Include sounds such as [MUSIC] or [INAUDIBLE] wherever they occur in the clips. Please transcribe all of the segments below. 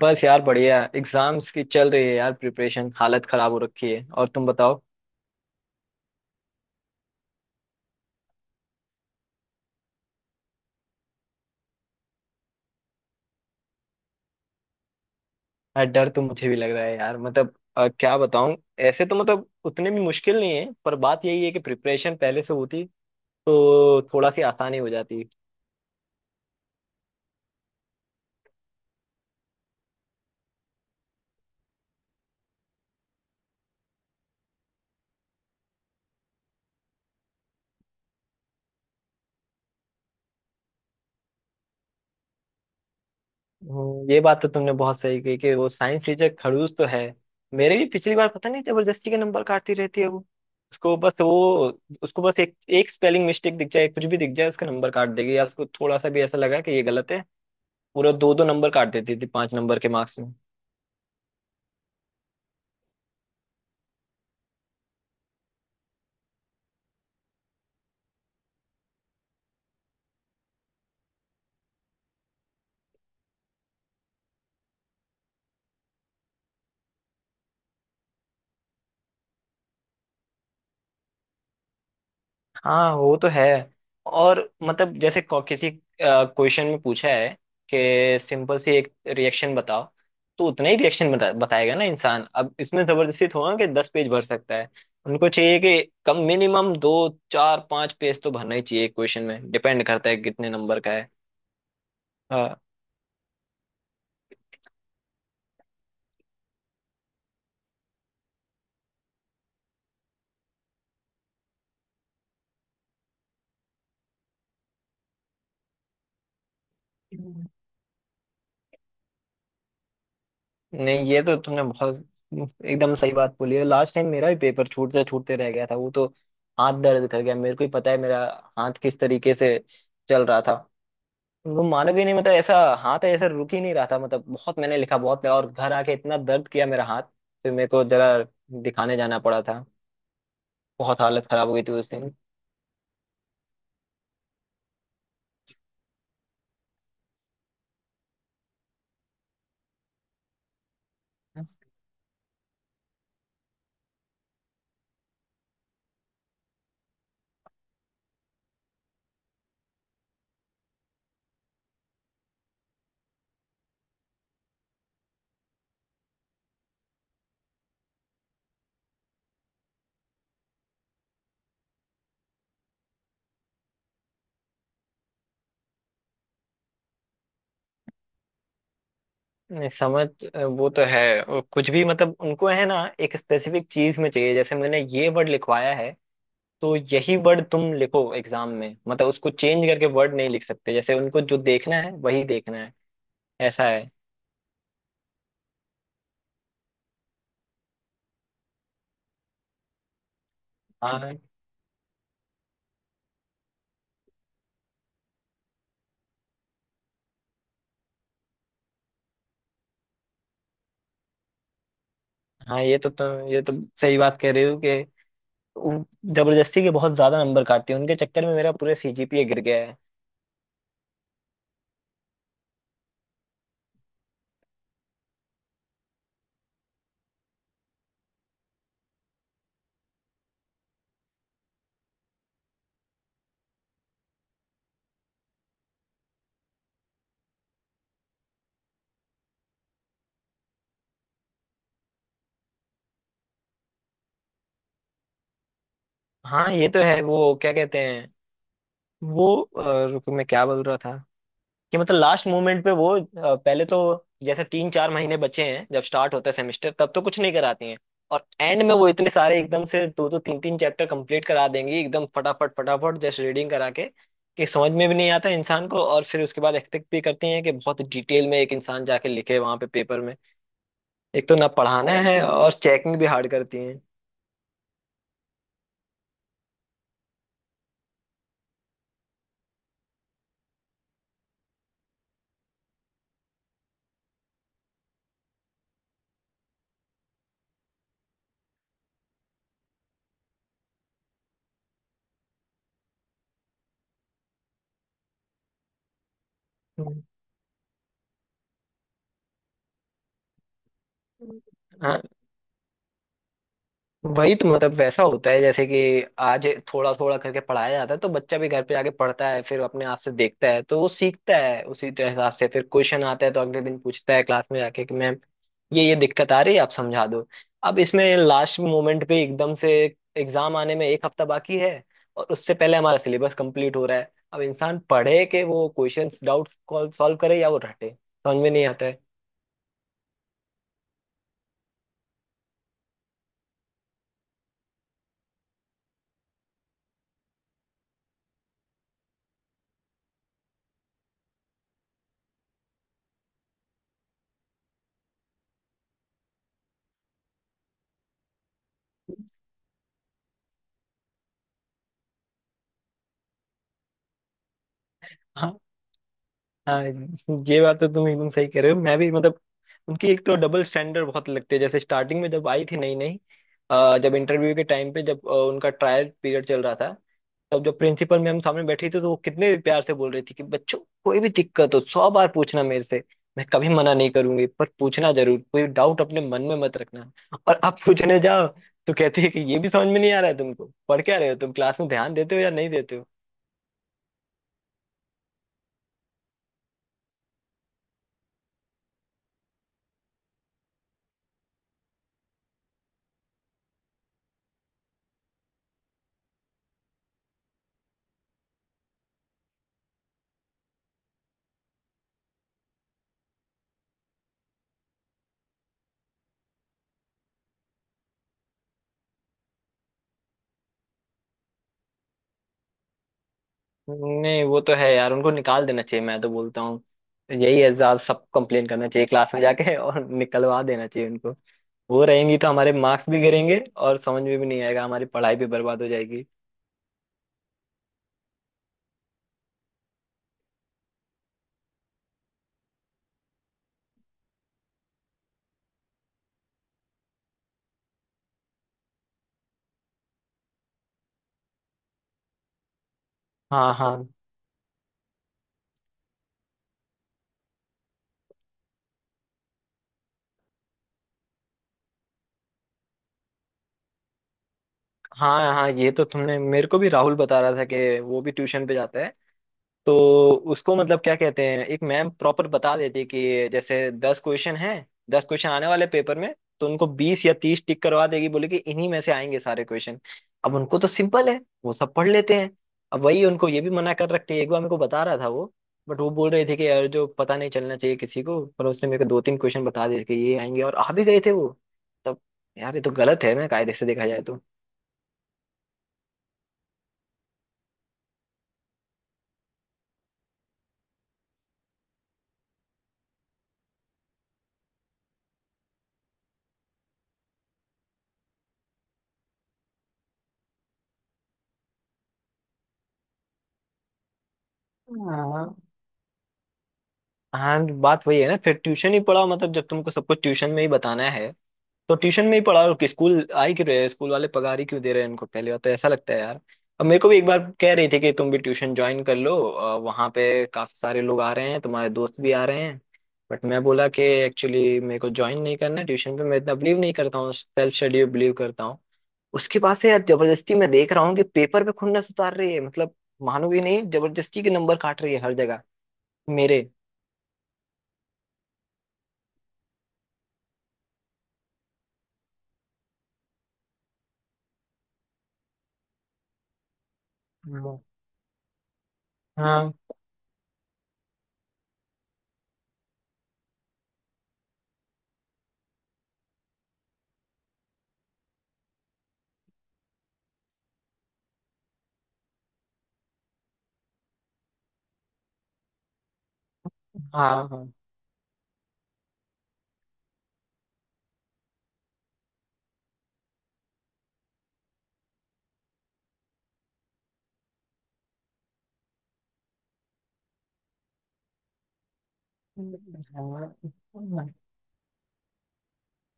बस यार बढ़िया एग्जाम्स की चल रही है यार प्रिपरेशन। हालत खराब हो रखी है। और तुम बताओ। यार डर तो मुझे भी लग रहा है यार। मतलब क्या बताऊं। ऐसे तो मतलब उतने भी मुश्किल नहीं है, पर बात यही है कि प्रिपरेशन पहले से होती तो थोड़ा सी आसानी हो जाती। ये बात तो तुमने बहुत सही कही कि वो साइंस टीचर खड़ूस तो है। मेरे भी पिछली बार पता नहीं जबरदस्ती के नंबर काटती रहती है वो। उसको बस एक एक स्पेलिंग मिस्टेक दिख जाए, कुछ भी दिख जाए, उसका नंबर काट देगी। या उसको थोड़ा सा भी ऐसा लगा कि ये गलत है, पूरे दो दो नंबर काट देती थी पांच नंबर के मार्क्स में। हाँ वो तो है। और मतलब जैसे किसी क्वेश्चन में पूछा है कि सिंपल सी एक रिएक्शन बताओ, तो उतना ही रिएक्शन बताएगा ना इंसान। अब इसमें जबरदस्ती थोड़ा ना कि 10 पेज भर सकता है। उनको चाहिए कि कम मिनिमम दो चार पांच पेज तो भरना ही चाहिए। क्वेश्चन में डिपेंड करता है कितने नंबर का है। हाँ। नहीं, ये तो तुमने बहुत एकदम सही बात बोली है। लास्ट टाइम मेरा भी पेपर छूटते छूटते रह गया था वो तो। हाथ दर्द कर गया, मेरे को ही पता है मेरा हाथ किस तरीके से चल रहा था। वो मानोगे नहीं, मतलब ऐसा हाथ ऐसा रुक ही नहीं रहा था, मतलब बहुत मैंने लिखा बहुत लिखा, और घर आके इतना दर्द किया मेरा हाथ। फिर मेरे को जरा दिखाने जाना पड़ा था। बहुत हालत खराब हो गई थी उस दिन। नहीं समझ वो तो है। और कुछ भी मतलब उनको है ना एक स्पेसिफिक चीज में चाहिए, जैसे मैंने ये वर्ड लिखवाया है तो यही वर्ड तुम लिखो एग्जाम में। मतलब उसको चेंज करके वर्ड नहीं लिख सकते, जैसे उनको जो देखना है वही देखना है। ऐसा है। हाँ हाँ ये तो सही बात कह रहे हो कि वो जबरदस्ती के बहुत ज्यादा नंबर काटते हैं। उनके चक्कर में मेरा पूरा सीजीपीए गिर गया है। हाँ ये तो है। वो क्या कहते हैं, वो रुको मैं क्या बोल रहा था। कि मतलब लास्ट मोमेंट पे वो पहले तो जैसे तीन चार महीने बचे हैं जब स्टार्ट होता है सेमेस्टर, तब तो कुछ नहीं कराती हैं। और एंड में वो इतने सारे एकदम से दो दो तीन तीन चैप्टर कंप्लीट करा देंगी एकदम फटाफट फटाफट जस्ट रीडिंग करा के, कि समझ में भी नहीं आता इंसान को। और फिर उसके बाद एक्सपेक्ट भी करती हैं कि बहुत डिटेल में एक इंसान जाके लिखे वहां पे पेपर में। एक तो ना पढ़ाना है और चेकिंग भी हार्ड करती हैं। हम्म। हाँ वही तो, मतलब वैसा होता है जैसे कि आज थोड़ा थोड़ा करके पढ़ाया जाता है तो बच्चा भी घर पे आके पढ़ता है, फिर अपने आप से देखता है तो वो सीखता है उसी तरह हिसाब से। फिर क्वेश्चन आता है तो अगले दिन पूछता है क्लास में जाके कि मैम ये दिक्कत आ रही है, आप समझा दो। अब इसमें लास्ट मोमेंट पे एकदम से एग्जाम आने में एक हफ्ता बाकी है और उससे पहले हमारा सिलेबस कंप्लीट हो रहा है। अब इंसान पढ़े के वो क्वेश्चंस डाउट्स सॉल्व करे या वो रटे, समझ में नहीं आता है। हाँ ये बात तो तुम एकदम सही कह रहे हो। मैं भी मतलब उनकी एक तो डबल स्टैंडर्ड बहुत लगती है। जैसे स्टार्टिंग में जब आई थी नई नई जब इंटरव्यू के टाइम पे जब उनका ट्रायल पीरियड चल रहा था, तब जब प्रिंसिपल मैम सामने बैठी थी, तो वो कितने प्यार से बोल रही थी कि बच्चों कोई भी दिक्कत हो 100 बार पूछना मेरे से, मैं कभी मना नहीं करूंगी, पर पूछना जरूर, कोई डाउट अपने मन में मत रखना। और आप पूछने जाओ तो कहती है कि ये भी समझ में नहीं आ रहा है तुमको, पढ़ क्या रहे हो तुम, क्लास में ध्यान देते हो या नहीं देते हो। नहीं वो तो है यार, उनको निकाल देना चाहिए, मैं तो बोलता हूँ। यही है, ज्यादा सब कंप्लेन करना चाहिए क्लास में जाके और [LAUGHS] निकलवा देना चाहिए उनको। वो रहेंगी तो हमारे मार्क्स भी गिरेंगे और समझ में भी नहीं आएगा, हमारी पढ़ाई भी बर्बाद हो जाएगी। हाँ हाँ। हाँ हाँ, ये तो तुमने मेरे को भी, राहुल बता रहा था कि वो भी ट्यूशन पे जाता है तो उसको मतलब क्या कहते हैं, एक मैम प्रॉपर बता देती है कि जैसे 10 क्वेश्चन हैं, 10 क्वेश्चन आने वाले पेपर में, तो उनको 20 या 30 टिक करवा देगी बोले कि इन्हीं में से आएंगे सारे क्वेश्चन। अब उनको तो सिंपल है, वो सब पढ़ लेते हैं। अब वही उनको ये भी मना कर रखती है, एक बार मेरे को बता रहा था वो। बट वो बोल रहे थे कि यार जो पता नहीं चलना चाहिए किसी को, पर उसने मेरे को दो तीन क्वेश्चन बता दिए कि ये आएंगे, और आ भी गए थे वो तब। यार ये तो गलत है ना कायदे से देखा जाए तो। हाँ हाँ, बात वही है ना, फिर ट्यूशन ही पढ़ाओ, मतलब जब तुमको सब कुछ ट्यूशन में ही बताना है तो ट्यूशन में ही पढ़ा, और स्कूल आई क्यों रहे हैं? स्कूल वाले पगार ही क्यों दे रहे हैं उनको, पहली बात तो ऐसा लगता है यार। अब मेरे को भी एक बार कह रही थी कि तुम भी ट्यूशन ज्वाइन कर लो, वहाँ पे काफी सारे लोग आ रहे हैं, तुम्हारे दोस्त भी आ रहे हैं। बट मैं बोला कि एक्चुअली मेरे को ज्वाइन नहीं करना है ट्यूशन पे, मैं इतना बिलीव नहीं करता हूँ, सेल्फ स्टडी बिलीव करता हूँ। उसके पास से यार, जबरदस्ती मैं देख रहा हूँ कि पेपर पे खुन्नस उतार रही है, मतलब मानोगे नहीं, जबरदस्ती के नंबर काट रही है हर जगह मेरे। हाँ हाँ हाँ हाँ।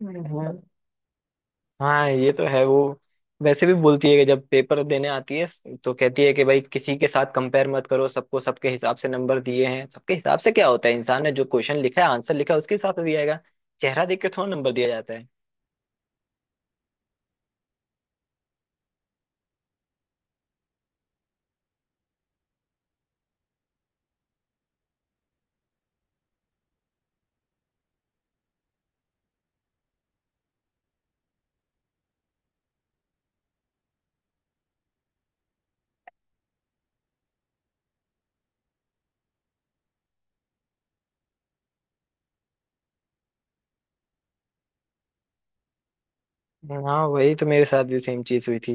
हाँ, हाँ, हाँ ये तो है। वो वैसे भी बोलती है कि जब पेपर देने आती है तो कहती है कि भाई किसी के साथ कंपेयर मत करो, सबको सबके हिसाब से नंबर दिए हैं। सबके हिसाब से क्या होता है, इंसान ने जो क्वेश्चन लिखा है आंसर लिखा है उसके हिसाब से दिया जाएगा, चेहरा देख के थोड़ा नंबर दिया जाता है। हाँ वही तो, मेरे साथ भी सेम चीज हुई थी।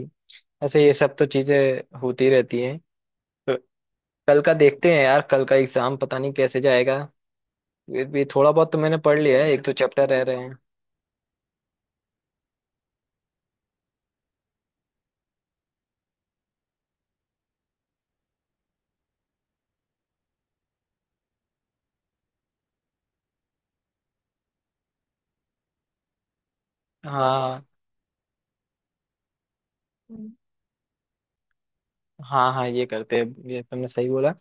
ऐसे ये सब तो चीजें होती रहती हैं। कल का देखते हैं यार, कल का एग्जाम पता नहीं कैसे जाएगा। ये भी थोड़ा बहुत तो मैंने पढ़ लिया है, एक दो चैप्टर रह रहे हैं। हाँ हाँ हाँ, ये करते हैं, ये तुमने सही बोला।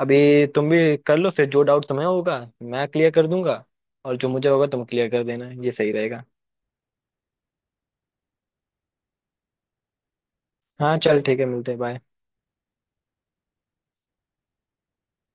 अभी तुम भी कर लो फिर जो डाउट तुम्हें होगा मैं क्लियर कर दूंगा, और जो मुझे होगा तुम क्लियर कर देना, ये सही रहेगा। हाँ चल ठीक है मिलते हैं बाय।